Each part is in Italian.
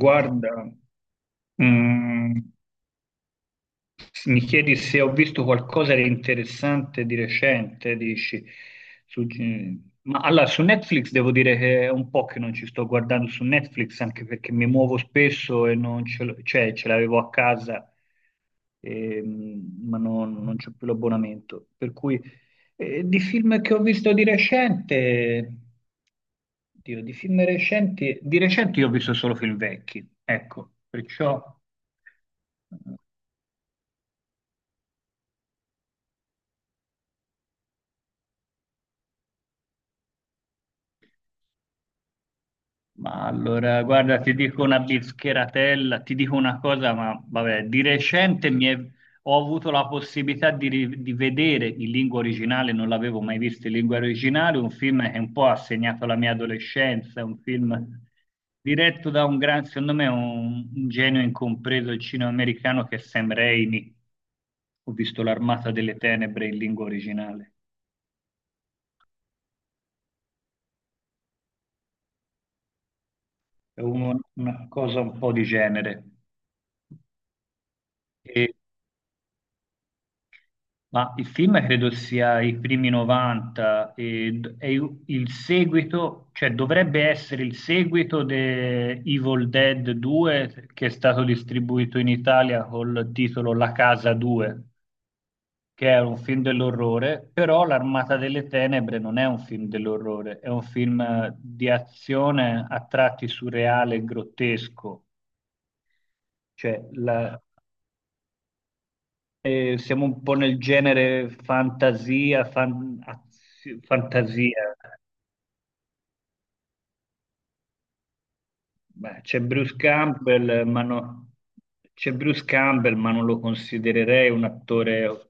Guarda, mm, mi chiedi se ho visto qualcosa di interessante di recente, dici, su- ma allora su Netflix devo dire che è un po' che non ci sto guardando su Netflix, anche perché mi muovo spesso e non ce l'ho, cioè ce l'avevo a casa, ma non c'ho più l'abbonamento. Per cui di film che ho visto di recente, Dio, di film recenti, di recente io ho visto solo film vecchi, ecco, perciò eh, ma allora, guarda, ti dico una bischeratella, ti dico una cosa, ma vabbè, di recente ho avuto la possibilità di vedere in lingua originale, non l'avevo mai visto in lingua originale, un film che un po' ha segnato la mia adolescenza, un film diretto da un gran, secondo me, un genio incompreso del cinema americano che è Sam Raimi. Ho visto L'Armata delle Tenebre in lingua originale, una cosa un po' di genere. Ma il film credo sia i primi 90 è il seguito, cioè dovrebbe essere il seguito di Evil Dead 2, che è stato distribuito in Italia col titolo La Casa 2, che è un film dell'orrore, però L'Armata delle Tenebre non è un film dell'orrore, è un film di azione a tratti surreale e grottesco. Cioè, eh, siamo un po' nel genere fantasia, fantasia. Beh, c'è Bruce Campbell, c'è Bruce Campbell, ma non lo considererei un attore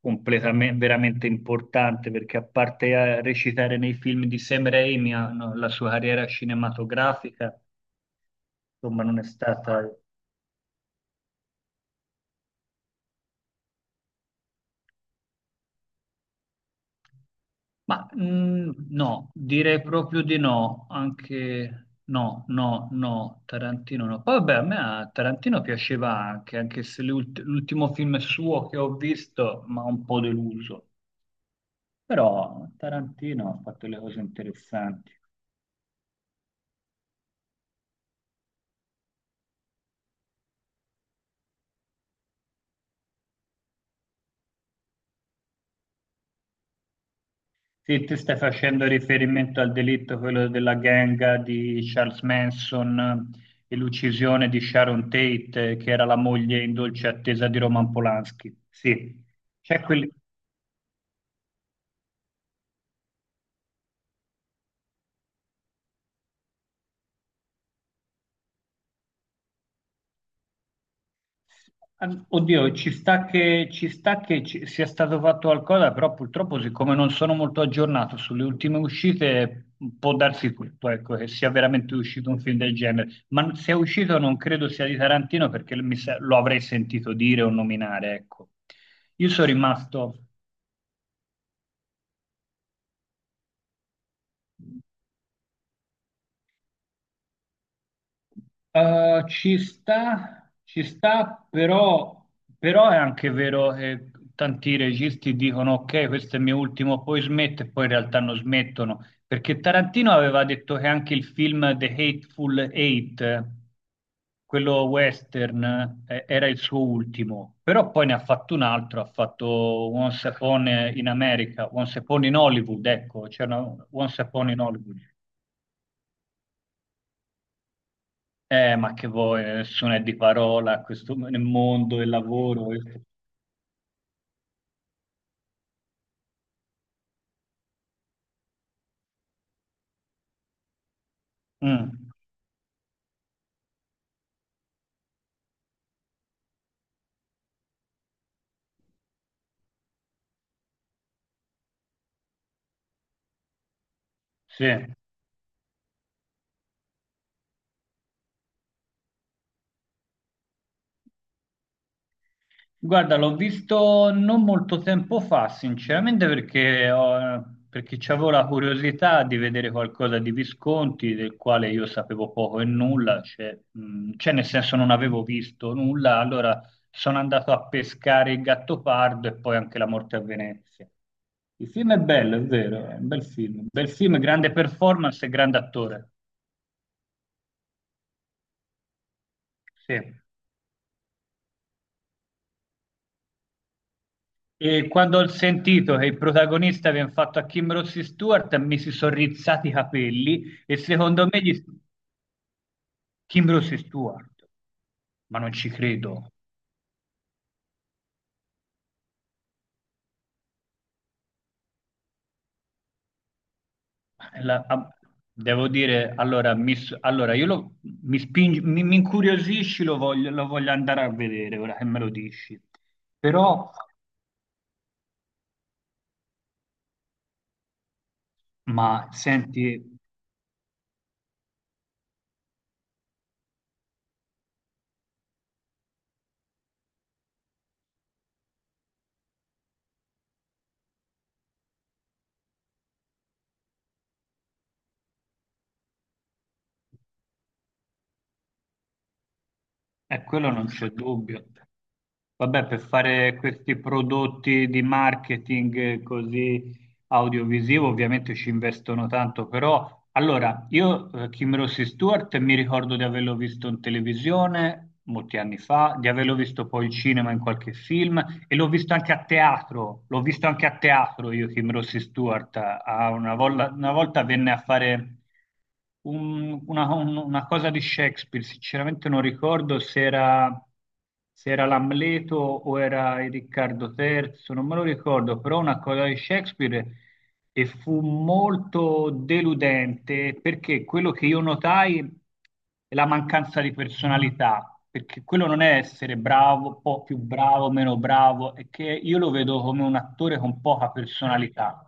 completamente, veramente importante, perché a parte a recitare nei film di Sam Raimi, ah, no, la sua carriera cinematografica, insomma, non è stata. Ma no, direi proprio di no, anche no, no, no, Tarantino no. Poi vabbè, a me a Tarantino piaceva anche, anche se l'ultimo film suo che ho visto mi ha un po' deluso, però Tarantino ha fatto le cose interessanti. Sì, ti stai facendo riferimento al delitto, quello della gang di Charles Manson e l'uccisione di Sharon Tate, che era la moglie in dolce attesa di Roman Polanski. Sì, c'è quel... Oddio, ci sta che, ci sta che sia stato fatto qualcosa, però purtroppo, siccome non sono molto aggiornato sulle ultime uscite, può darsi tutto, ecco, che sia veramente uscito un film del genere. Ma se è uscito non credo sia di Tarantino perché lo avrei sentito dire o nominare, ecco. Io sono rimasto. Ci sta, però, è anche vero che tanti registi dicono ok, questo è il mio ultimo, poi smetto e poi in realtà non smettono, perché Tarantino aveva detto che anche il film The Hateful Eight, quello western, era il suo ultimo, però poi ne ha fatto un altro, ha fatto Once Upon in America, Once Upon in Hollywood, ecco, Once Upon in Hollywood. Ma che vuoi, nessuno è di parola a questo, nel mondo del lavoro. Mm, sì. Guarda, l'ho visto non molto tempo fa, sinceramente, perché, perché avevo la curiosità di vedere qualcosa di Visconti, del quale io sapevo poco e nulla, cioè, cioè, nel senso non avevo visto nulla, allora sono andato a pescare il Gattopardo e poi anche La morte a Venezia. Il film è bello, è vero, è un bel film, grande performance e grande attore. Sì. E quando ho sentito che il protagonista viene fatto a Kim Rossi Stewart, mi si sono rizzati i capelli e secondo me gli... Kim Rossi Stewart, ma non ci credo. La- a- Devo dire, allora, allora io lo, mi incuriosisci, lo voglio andare a vedere ora che me lo dici. Però, ma senti, è quello non c'è dubbio. Vabbè, per fare questi prodotti di marketing così audiovisivo ovviamente ci investono tanto, però allora io Kim Rossi Stewart mi ricordo di averlo visto in televisione molti anni fa, di averlo visto poi in cinema in qualche film e l'ho visto anche a teatro, l'ho visto anche a teatro io, Kim Rossi Stewart, una volta venne a fare una cosa di Shakespeare, sinceramente non ricordo se era, se era l'Amleto o era il Riccardo III, non me lo ricordo, però una cosa di Shakespeare e fu molto deludente perché quello che io notai è la mancanza di personalità, perché quello non è essere bravo, un po' più bravo, meno bravo, è che io lo vedo come un attore con poca personalità.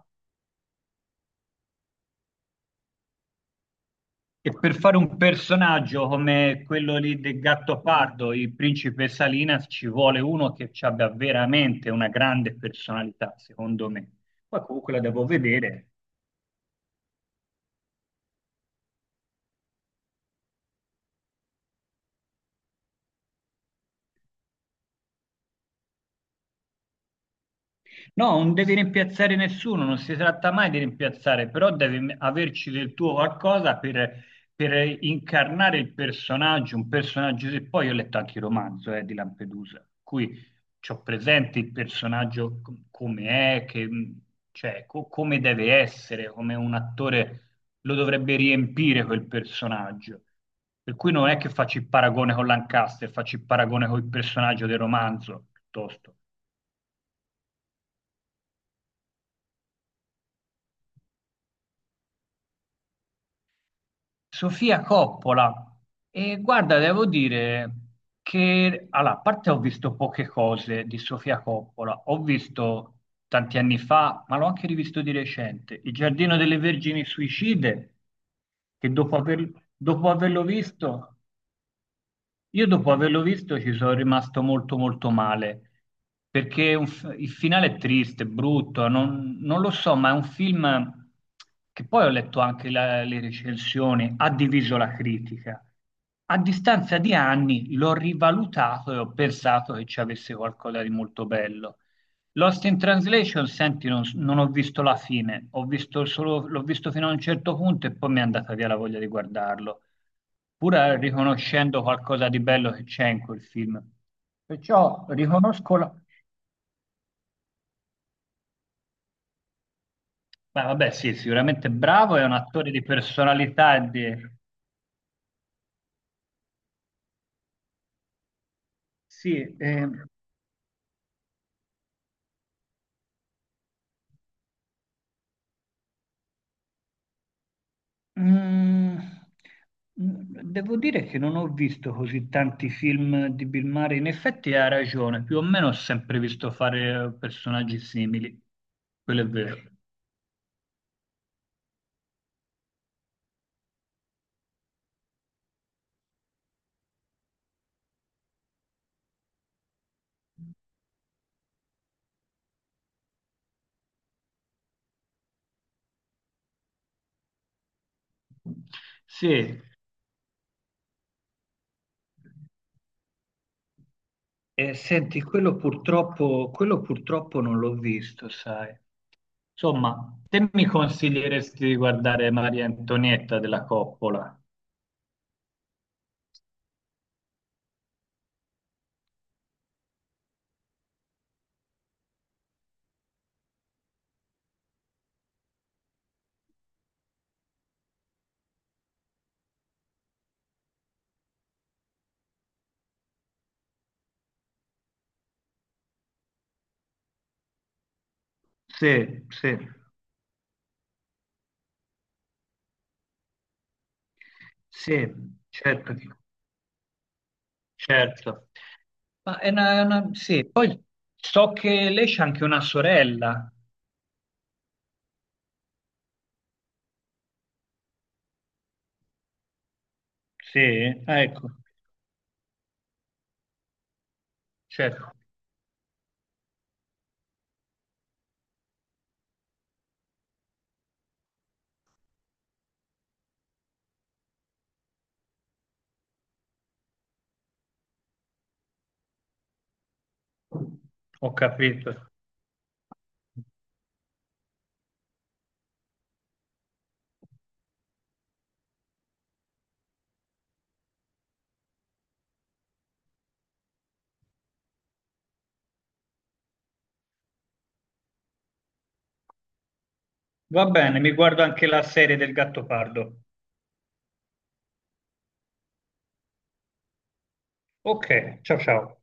E per fare un personaggio come quello lì del Gattopardo, il principe Salinas, ci vuole uno che ci abbia veramente una grande personalità, secondo me. Poi comunque la devo vedere. No, non devi rimpiazzare nessuno, non si tratta mai di rimpiazzare, però devi averci del tuo qualcosa per, incarnare il personaggio, un personaggio che poi io ho letto anche il romanzo di Lampedusa, cui ho presente il personaggio come è, che, cioè, come deve essere, come un attore lo dovrebbe riempire quel personaggio. Per cui non è che faccio il paragone con Lancaster, faccio il paragone con il personaggio del romanzo, piuttosto. Sofia Coppola. E guarda, devo dire che, allora, a parte ho visto poche cose di Sofia Coppola, ho visto tanti anni fa, ma l'ho anche rivisto di recente, Il Giardino delle Vergini Suicide, che dopo, aver- dopo averlo visto io dopo averlo visto ci sono rimasto molto molto male, perché è il finale è triste, è brutto, non lo so, ma è un film che poi ho letto anche le recensioni, ha diviso la critica. A distanza di anni l'ho rivalutato e ho pensato che ci avesse qualcosa di molto bello. Lost in Translation, senti, non ho visto la fine, l'ho visto fino a un certo punto e poi mi è andata via la voglia di guardarlo pur riconoscendo qualcosa di bello che c'è in quel film. Perciò riconosco la... Beh, vabbè, sì, sicuramente bravo, è un attore di personalità e di... Sì, mm, devo dire che non ho visto così tanti film di Bill Murray, in effetti ha ragione, più o meno ho sempre visto fare personaggi simili, quello è vero. Sì, senti, quello purtroppo non l'ho visto, sai. Insomma, te mi consiglieresti di guardare Maria Antonietta della Coppola? Sì, sì, sì, certo. Certo. Sì, poi so che lei c'ha anche una sorella. Sì, ah, ecco, certo, ho capito. Va bene, mi guardo anche la serie del Gattopardo. Ok, ciao ciao.